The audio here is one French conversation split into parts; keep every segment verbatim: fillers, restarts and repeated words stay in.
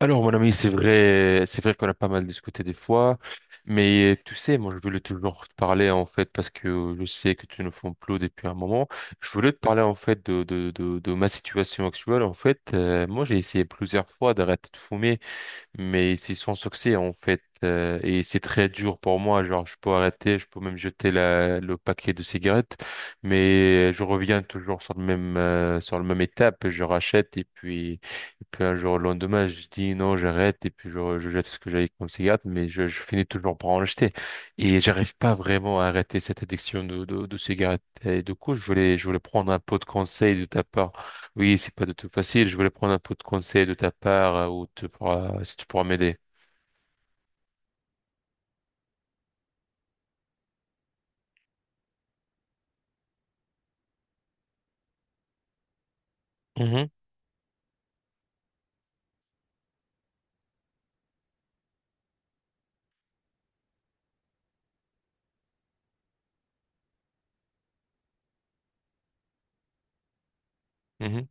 Alors, mon ami, c'est vrai, c'est vrai qu'on a pas mal discuté des fois, mais tu sais, moi, je voulais toujours te parler, en fait, parce que je sais que tu ne fais plus depuis un moment. Je voulais te parler, en fait, de, de, de, de ma situation actuelle. En fait, euh, moi, j'ai essayé plusieurs fois d'arrêter de fumer, mais c'est sans succès en fait, euh, et c'est très dur pour moi, genre je peux arrêter, je peux même jeter la, le paquet de cigarettes, mais je reviens toujours sur le même euh, sur le même étape, je rachète, et puis et puis un jour, le lendemain, je dis non, j'arrête, et puis je, je jette ce que j'avais comme cigarette, mais je, je finis toujours par en acheter. Et j'arrive pas vraiment à arrêter cette addiction de de, de cigarettes, et du coup, je voulais je voulais prendre un peu de conseil de ta part. Oui, c'est pas du tout facile. Je voulais prendre un peu de conseils de ta part, euh, ou tu pourras, si tu pourras m'aider. Mhm, mhm,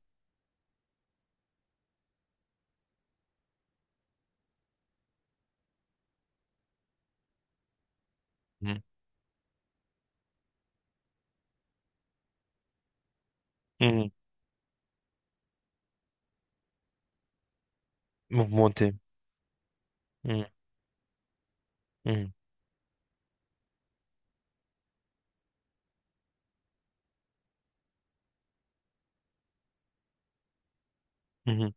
mhm, mhm. Mouvementé. Mhm, mhm, mhm,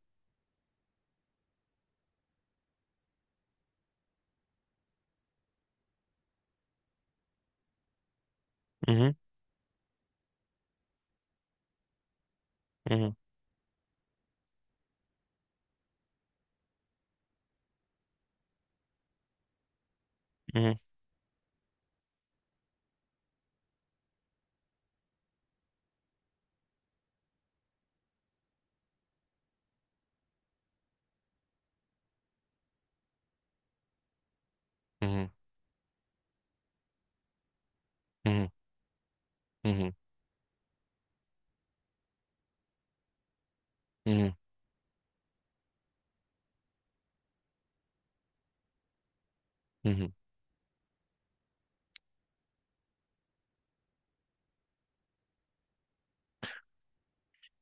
mhm, mhm, mhm, mhm, mhm, mhm, mhm, mhm.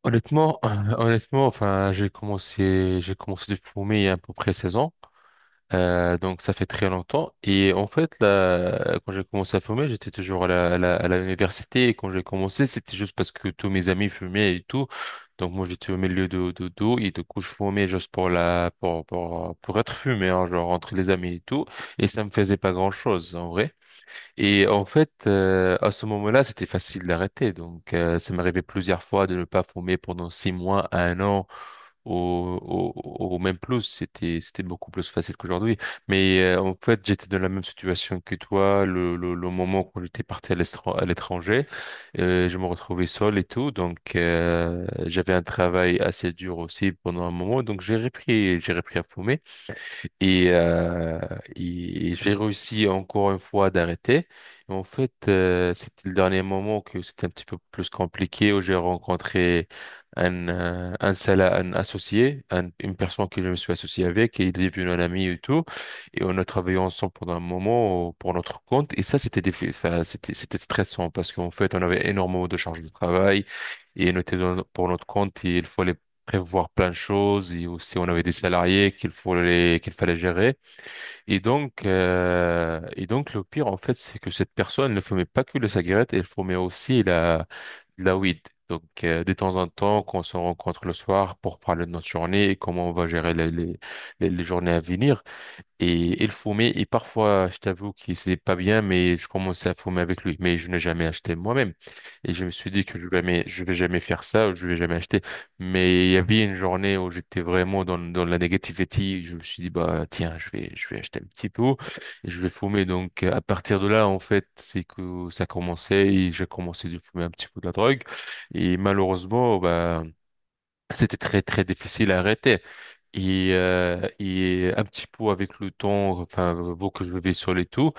Honnêtement, honnêtement, enfin, j'ai commencé, j'ai commencé depuis pour mai il y a à peu près seize ans. Euh, donc ça fait très longtemps. Et en fait, là, quand j'ai commencé à fumer, j'étais toujours à la, à la, à la université. Et quand j'ai commencé, c'était juste parce que tous mes amis fumaient et tout. Donc moi, j'étais au milieu de, de, d'eau, et du coup, je fumais juste pour la, pour, pour, pour être fumé, hein, genre entre les amis et tout. Et ça me faisait pas grand-chose, en vrai. Et en fait, euh, à ce moment-là, c'était facile d'arrêter. Donc euh, ça m'arrivait plusieurs fois de ne pas fumer pendant six mois à un an au, au, au même plus, c'était c'était beaucoup plus facile qu'aujourd'hui. Mais, euh, en fait, j'étais dans la même situation que toi, le, le, le moment qu'on était parti à l'estran- à l'étranger, euh, je me retrouvais seul et tout, donc euh, j'avais un travail assez dur aussi pendant un moment, donc j'ai repris j'ai repris à fumer. Et, euh, et et j'ai réussi encore une fois d'arrêter. Et en fait, euh, c'était le dernier moment que c'était un petit peu plus compliqué, où j'ai rencontré un, euh, un, sala- un associé, un- une personne que je me suis associé avec, et il est devenu un ami et tout. Et on a travaillé ensemble pendant un moment, euh, pour notre compte. Et ça, c'était défi- enfin, c'était, c'était stressant parce qu'en fait, on avait énormément de charges de travail, et on était dans- pour notre compte, et il fallait prévoir plein de choses, et aussi on avait des salariés qu'il fallait qu'il fallait gérer. Et donc euh, et donc le pire en fait, c'est que cette personne ne fumait pas que la cigarette, elle fumait aussi la la weed. Donc euh, de temps en temps quand on se rencontre le soir pour parler de notre journée et comment on va gérer les les, les les journées à venir. Et il fumait, et parfois, je t'avoue que c'était pas bien, mais je commençais à fumer avec lui. Mais je n'ai jamais acheté moi-même. Et je me suis dit que je vais jamais, je vais jamais faire ça, ou je vais jamais acheter. Mais il y avait une journée où j'étais vraiment dans, dans la négativité. Je me suis dit, bah, tiens, je vais, je vais acheter un petit peu, et je vais fumer. Donc, à partir de là, en fait, c'est que ça commençait, et j'ai commencé de fumer un petit peu de la drogue. Et malheureusement, bah, c'était très très difficile à arrêter. Et, euh, et un petit peu avec le temps, enfin, vous que je vivais sur les tours,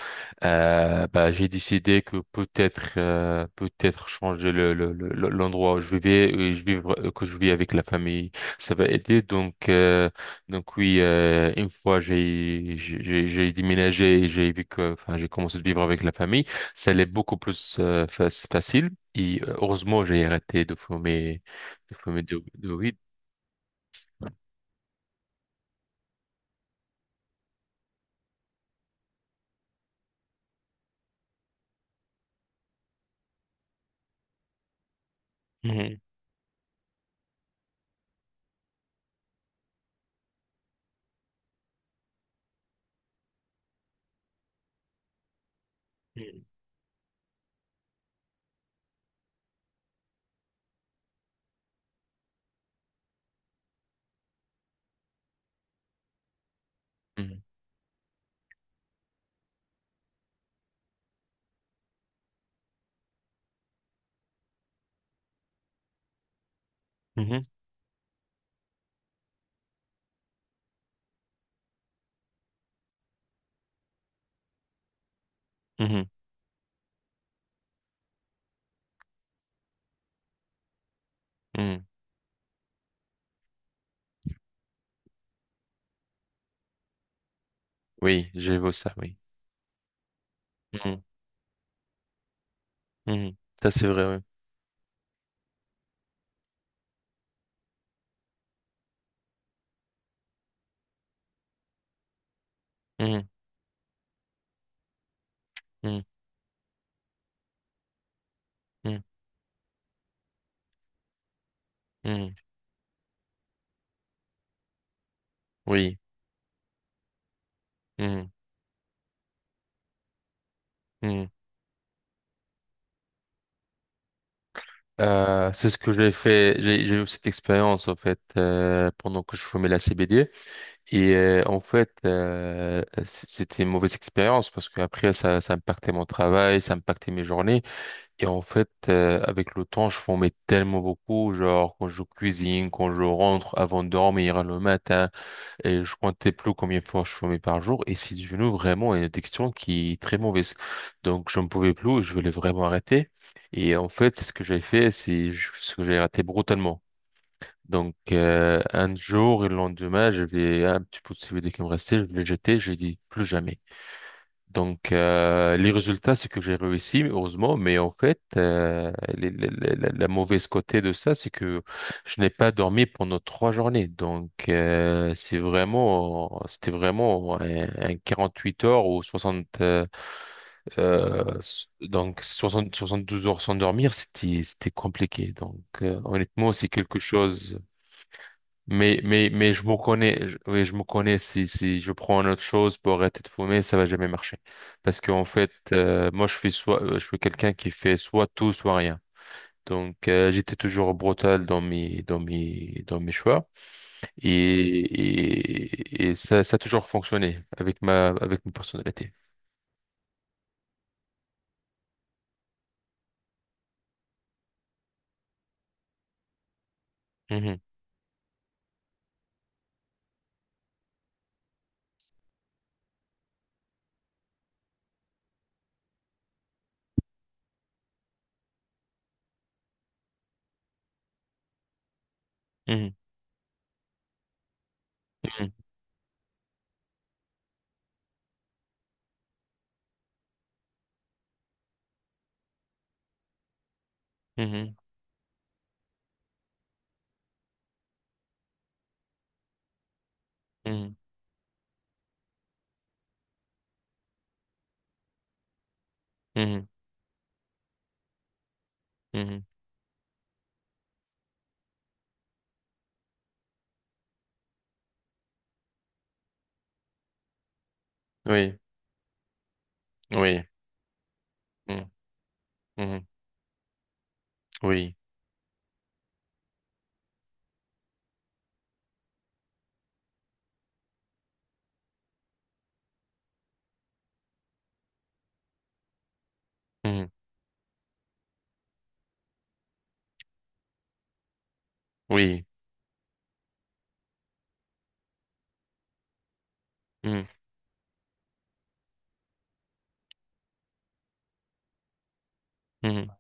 euh, bah, j'ai décidé que peut-être, euh, peut-être changer le, le- le- le- l'endroit où je vivais, et je vivre, que je vis avec la famille, ça va aider. Donc euh, donc oui, euh, une fois j'ai j'ai j'ai j'ai déménagé et j'ai vu que, enfin, j'ai commencé à vivre avec la famille, ça allait beaucoup plus euh, fa- facile. Et euh, heureusement, j'ai arrêté de fumer de fumer de, de weed. Mhm, mhm, mhm, mhm, mhm. Oui, j'ai beau ça, oui. Mhm, mhm. Ça, c'est vrai, oui. Mhm, mhm, mhm, mhm. Oui. Mhm, mhm. Euh, c'est ce que j'ai fait. J'ai j'ai eu cette expérience, en fait, euh, pendant que je fumais la C B D. Et euh, en fait, euh, c- c'était une mauvaise expérience parce qu'après, ça, ça impactait mon travail, ça impactait mes journées. Et en fait, euh, avec le temps, je fumais tellement beaucoup, genre quand je cuisine, quand je rentre avant de dormir le matin. Et je comptais plus combien de fois je fumais par jour, et c'est devenu vraiment une addiction qui est très mauvaise. Donc je ne pouvais plus, je voulais vraiment arrêter. Et en fait, ce que j'ai fait, c'est je- ce que j'ai arrêté brutalement. Donc euh, un jour et le lendemain, j'avais un petit peu de C B D qui me restait, je l'ai jeté, j'ai dit plus jamais. Donc, euh, les résultats, c'est que j'ai réussi, heureusement, mais en fait, euh, les- les- les- la, la mauvaise côté de ça, c'est que je n'ai pas dormi pendant trois journées. Donc, euh, c'est vraiment, c'était vraiment un, un quarante-huit heures ou soixante, euh, euh, s- donc soixante, soixante-douze heures sans dormir, c'était, c'était compliqué. Donc, euh, honnêtement, c'est quelque chose. Mais, mais, mais je me connais, je- oui, je me connais, si, si je prends une autre chose pour arrêter de fumer, ça va jamais marcher. Parce qu'en fait, euh, moi, je fais soit, euh, je suis quelqu'un qui fait soit tout, soit rien. Donc, euh, j'étais toujours brutal dans mes, dans mes, dans mes choix. Et, et, et ça, ça a toujours fonctionné avec ma, avec ma personnalité. Mhm, mhm, mhm, mhm, mhm, mhm, mhm. Oui, oui, mhm, mhm, oui, mhm, oui, mhm, mhm,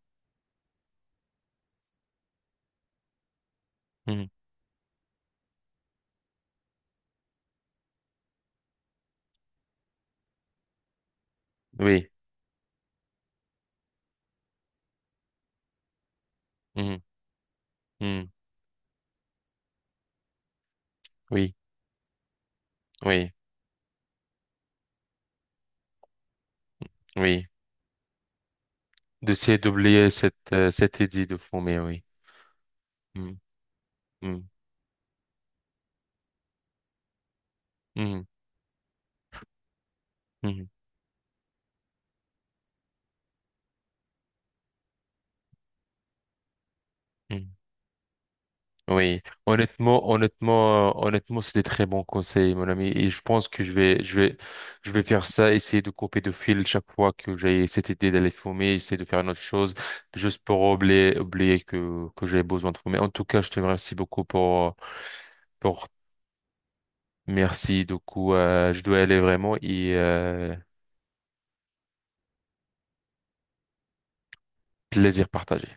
mhm, oui. Mhm. Hmm. Oui, oui, oui. D'essayer d'oublier cette, euh, cette idée de fumer, oui. Hmm, hmm, hmm, hmm, hmm. Oui. Honnêtement, honnêtement, euh, honnêtement, c'est des très bons conseils, mon ami. Et je pense que je vais, je vais, je vais, faire ça, essayer de couper de fil chaque fois que j'ai cette idée d'aller fumer, essayer de faire une autre chose, juste pour oublier, oublier que, que j'ai besoin de fumer. En tout cas, je te remercie beaucoup pour, pour, merci. Du coup, euh, je dois aller vraiment et, euh, plaisir partagé.